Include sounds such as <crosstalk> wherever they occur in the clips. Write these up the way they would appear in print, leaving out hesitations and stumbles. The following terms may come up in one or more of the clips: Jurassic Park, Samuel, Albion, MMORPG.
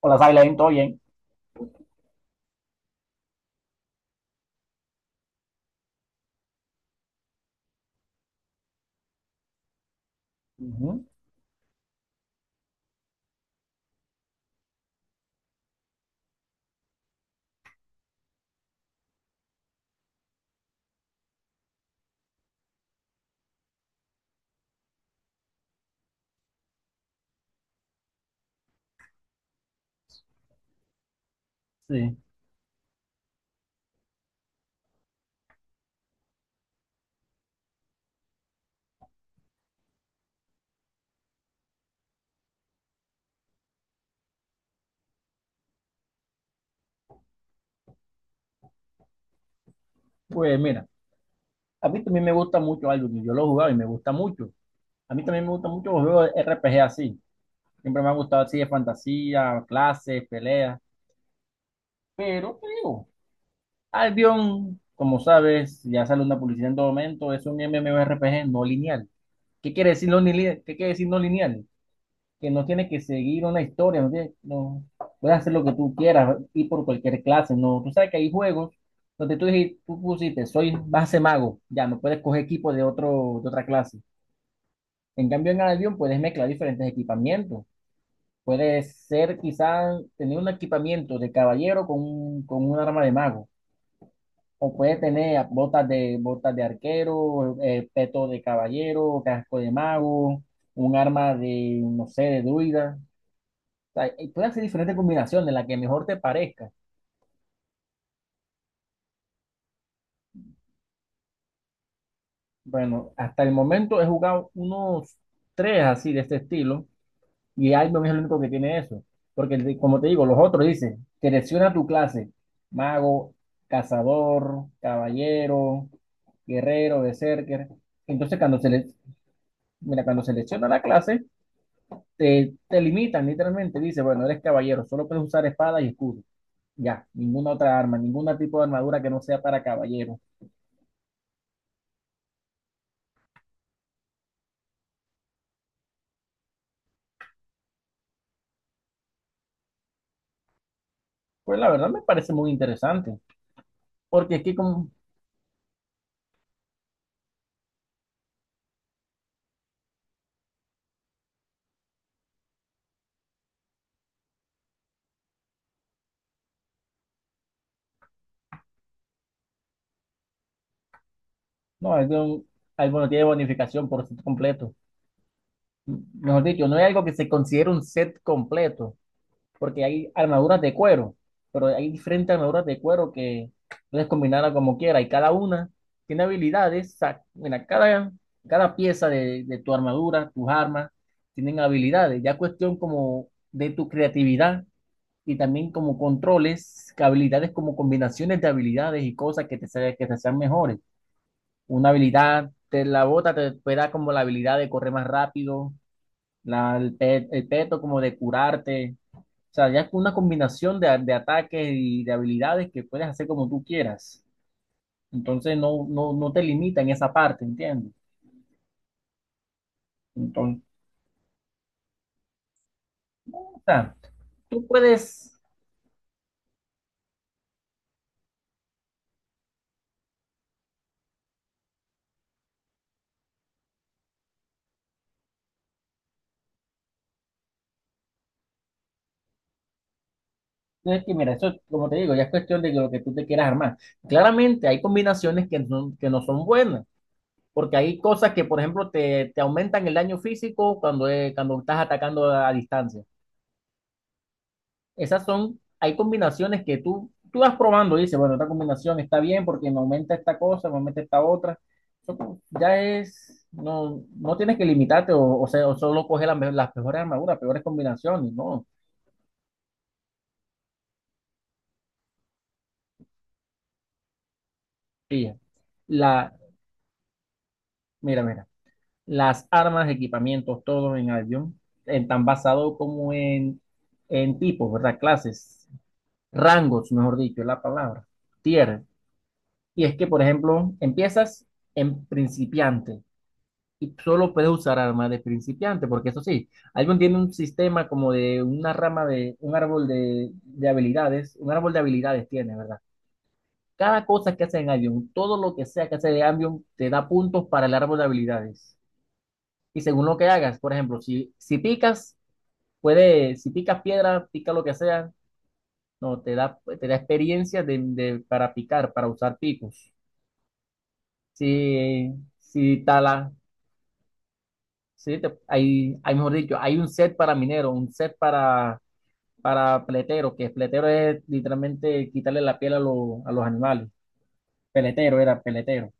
Hola, Silent, ¿todo bien? Ujú, sí. Pues mira, a mí también me gusta mucho algo que yo lo he jugado y me gusta mucho. A mí también me gustan mucho los juegos de RPG así. Siempre me ha gustado así de fantasía, clases, peleas. Pero te digo, Albion, como sabes, ya sale una publicidad en todo momento, es un MMORPG no lineal. ¿Qué quiere decir no lineal? ¿Qué quiere decir no lineal? Que no tiene que seguir una historia, no, no puedes hacer lo que tú quieras, ir por cualquier clase, no. Tú sabes que hay juegos donde tú pusiste, soy base mago, ya no puedes coger equipo de otro, de otra clase. En cambio, en avión puedes mezclar diferentes equipamientos. Puedes ser quizás tener un equipamiento de caballero con, con un arma de mago o puede tener botas de arquero, peto de caballero, casco de mago, un arma de, no sé, de druida. O sea, y puede hacer diferentes combinaciones, la que mejor te parezca. Bueno, hasta el momento he jugado unos tres así de este estilo y Albion es el único que tiene eso. Porque, como te digo, los otros dicen, selecciona tu clase, mago, cazador, caballero, guerrero, berserker. Entonces, cuando se le, mira, cuando selecciona la clase, te limitan literalmente, dice, bueno, eres caballero, solo puedes usar espada y escudo, ya, ninguna otra arma, ningún tipo de armadura que no sea para caballero. Pues la verdad me parece muy interesante, porque es que como, no, bueno, tiene bonificación por set completo. Mejor dicho, no es algo que se considere un set completo, porque hay armaduras de cuero, pero hay diferentes armaduras de cuero que puedes combinarla como quieras y cada una tiene habilidades. O mira, cada, cada pieza de tu armadura, tus armas, tienen habilidades. Ya cuestión como de tu creatividad y también como controles, que habilidades como combinaciones de habilidades y cosas que que te sean mejores. Una habilidad, te la bota, te puede dar como la habilidad de correr más rápido, la, el peto como de curarte, o sea, ya es una combinación de ataques y de habilidades que puedes hacer como tú quieras. Entonces no te limita en esa parte, ¿entiendes? Entonces, o sea, tú puedes, no es que mira, eso, como te digo, ya es cuestión de lo que tú te quieras armar. Claramente hay combinaciones que no son buenas, porque hay cosas que, por ejemplo, te aumentan el daño físico cuando, cuando estás atacando a distancia. Esas son, hay combinaciones que tú vas probando y dices, bueno, esta combinación está bien porque me aumenta esta cosa, me aumenta esta otra. Ya es, no, no tienes que limitarte o sea, o solo coger las mejores armaduras, peores combinaciones, no. Pilla. La, mira, las armas, equipamientos, todo en avión, en tan basado como en tipos, ¿verdad? Clases, rangos, mejor dicho, es la palabra, tier. Y es que, por ejemplo, empiezas en principiante, y solo puedes usar armas de principiante, porque eso sí, Albion tiene un sistema como de una rama de un árbol de habilidades, un árbol de habilidades tiene, ¿verdad? Cada cosa que hace en Albion, todo lo que sea que hace de Albion, te da puntos para el árbol de habilidades. Y según lo que hagas, por ejemplo, si picas, puede, si picas piedra, pica lo que sea, no, te da experiencia de, para picar, para usar picos. Si, si talas, sí, hay, mejor dicho, hay un set para minero, un set para peletero, que peletero es literalmente quitarle la piel a, a los animales. Peletero era peletero.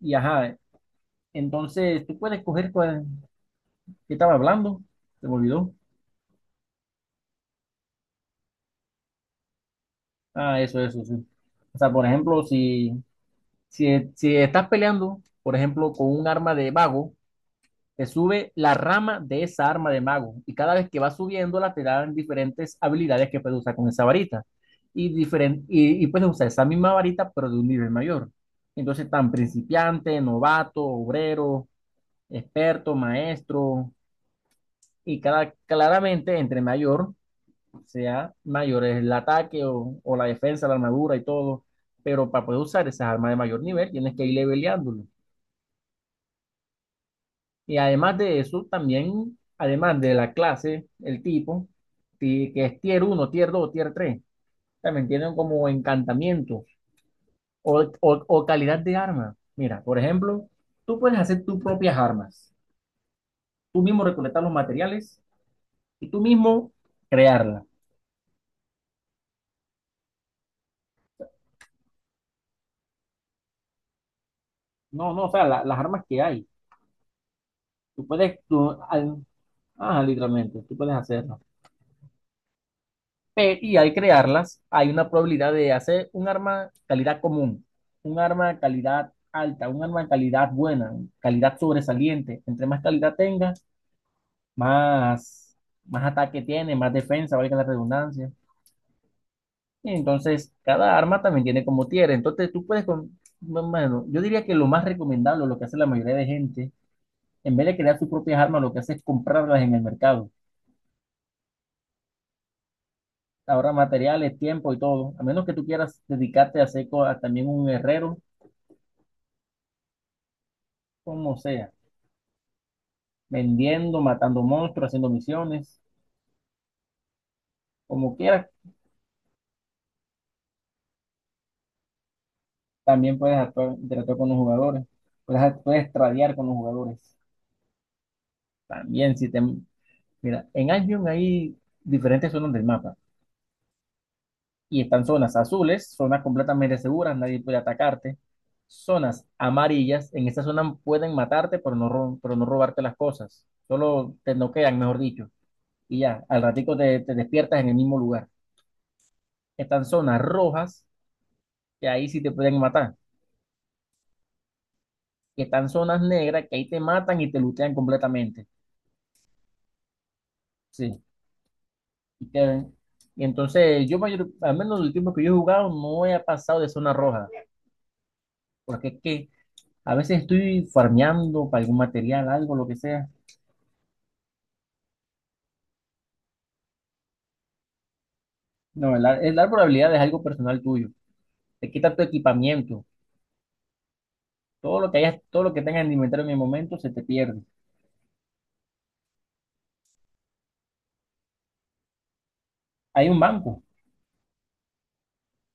Y ajá, entonces tú puedes coger cuál, ¿qué estaba hablando? ¿Se me olvidó? Ah, eso, sí. O sea, por ejemplo, si estás peleando, por ejemplo, con un arma de vago, te sube la rama de esa arma de mago y cada vez que va subiéndola te dan diferentes habilidades que puedes usar con esa varita y, y puedes usar esa misma varita pero de un nivel mayor. Entonces, tan principiante, novato, obrero, experto, maestro y cada, claramente entre mayor sea mayor es el ataque o la defensa, la armadura y todo, pero para poder usar esas armas de mayor nivel tienes que ir leveleándolo. Y además de eso, también, además de la clase, el tipo, que es tier uno tier 2 tier 3 también tienen como encantamientos o, o calidad de arma. Mira, por ejemplo, tú puedes hacer tus propias armas, tú mismo recolectar los materiales y tú mismo crearlas. No, no, o sea, las armas que hay, tú puedes, ajá, literalmente, tú puedes hacerlas. Y al crearlas hay una probabilidad de hacer un arma calidad común, un arma calidad alta, un arma calidad buena, calidad sobresaliente. Entre más calidad tenga, más, más ataque tiene, más defensa, valga la redundancia. Y entonces, cada arma también tiene como tier. Entonces, tú puedes con... no, bueno, yo diría que lo más recomendable, lo que hace la mayoría de gente, en vez de crear sus propias armas, lo que hace es comprarlas en el mercado. Ahora materiales, tiempo y todo. A menos que tú quieras dedicarte a hacer a también un herrero como sea, vendiendo, matando monstruos, haciendo misiones, como quieras. También puedes actuar, interactuar con los jugadores, puedes tradear con los jugadores. También si te... Mira, en Albion hay diferentes zonas del mapa y están zonas azules, zonas completamente seguras, nadie puede atacarte. Zonas amarillas, en esta zona pueden matarte, pero pero no robarte las cosas. Solo te noquean, mejor dicho. Y ya, al ratico te despiertas en el mismo lugar. Están zonas rojas, que ahí sí te pueden matar, que están zonas negras, que ahí te matan y te lutean completamente. Sí. Y, que- y entonces yo mayor, al menos el tiempo que yo he jugado no he pasado de zona roja, porque es que a veces estoy farmeando para algún material, algo, lo que sea. No, el dar probabilidad es algo personal tuyo. Te quita tu equipamiento. Todo lo que hayas, todo lo que tengas en el inventario en el momento se te pierde. Hay un banco.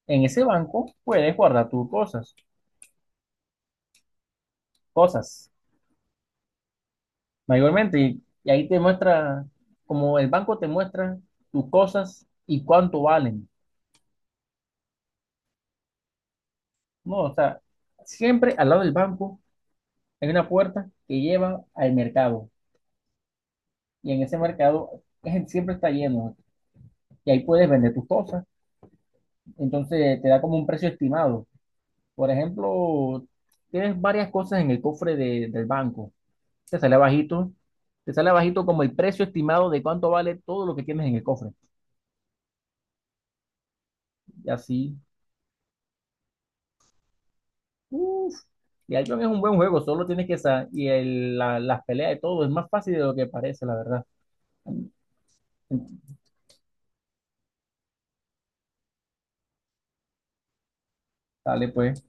En ese banco puedes guardar tus cosas, cosas mayormente. Y ahí te muestra, como el banco te muestra tus cosas y cuánto valen. No, o sea, siempre al lado del banco hay una puerta que lleva al mercado. Y en ese mercado <laughs> siempre está lleno. Y ahí puedes vender tus cosas. Entonces te da como un precio estimado. Por ejemplo, tienes varias cosas en el cofre del banco. Te sale bajito. Te sale bajito como el precio estimado de cuánto vale todo lo que tienes en el cofre. Y así, uf, y Albion es un buen juego, solo tienes que saber. Y las peleas de todo es más fácil de lo que parece, la verdad. Dale, pues.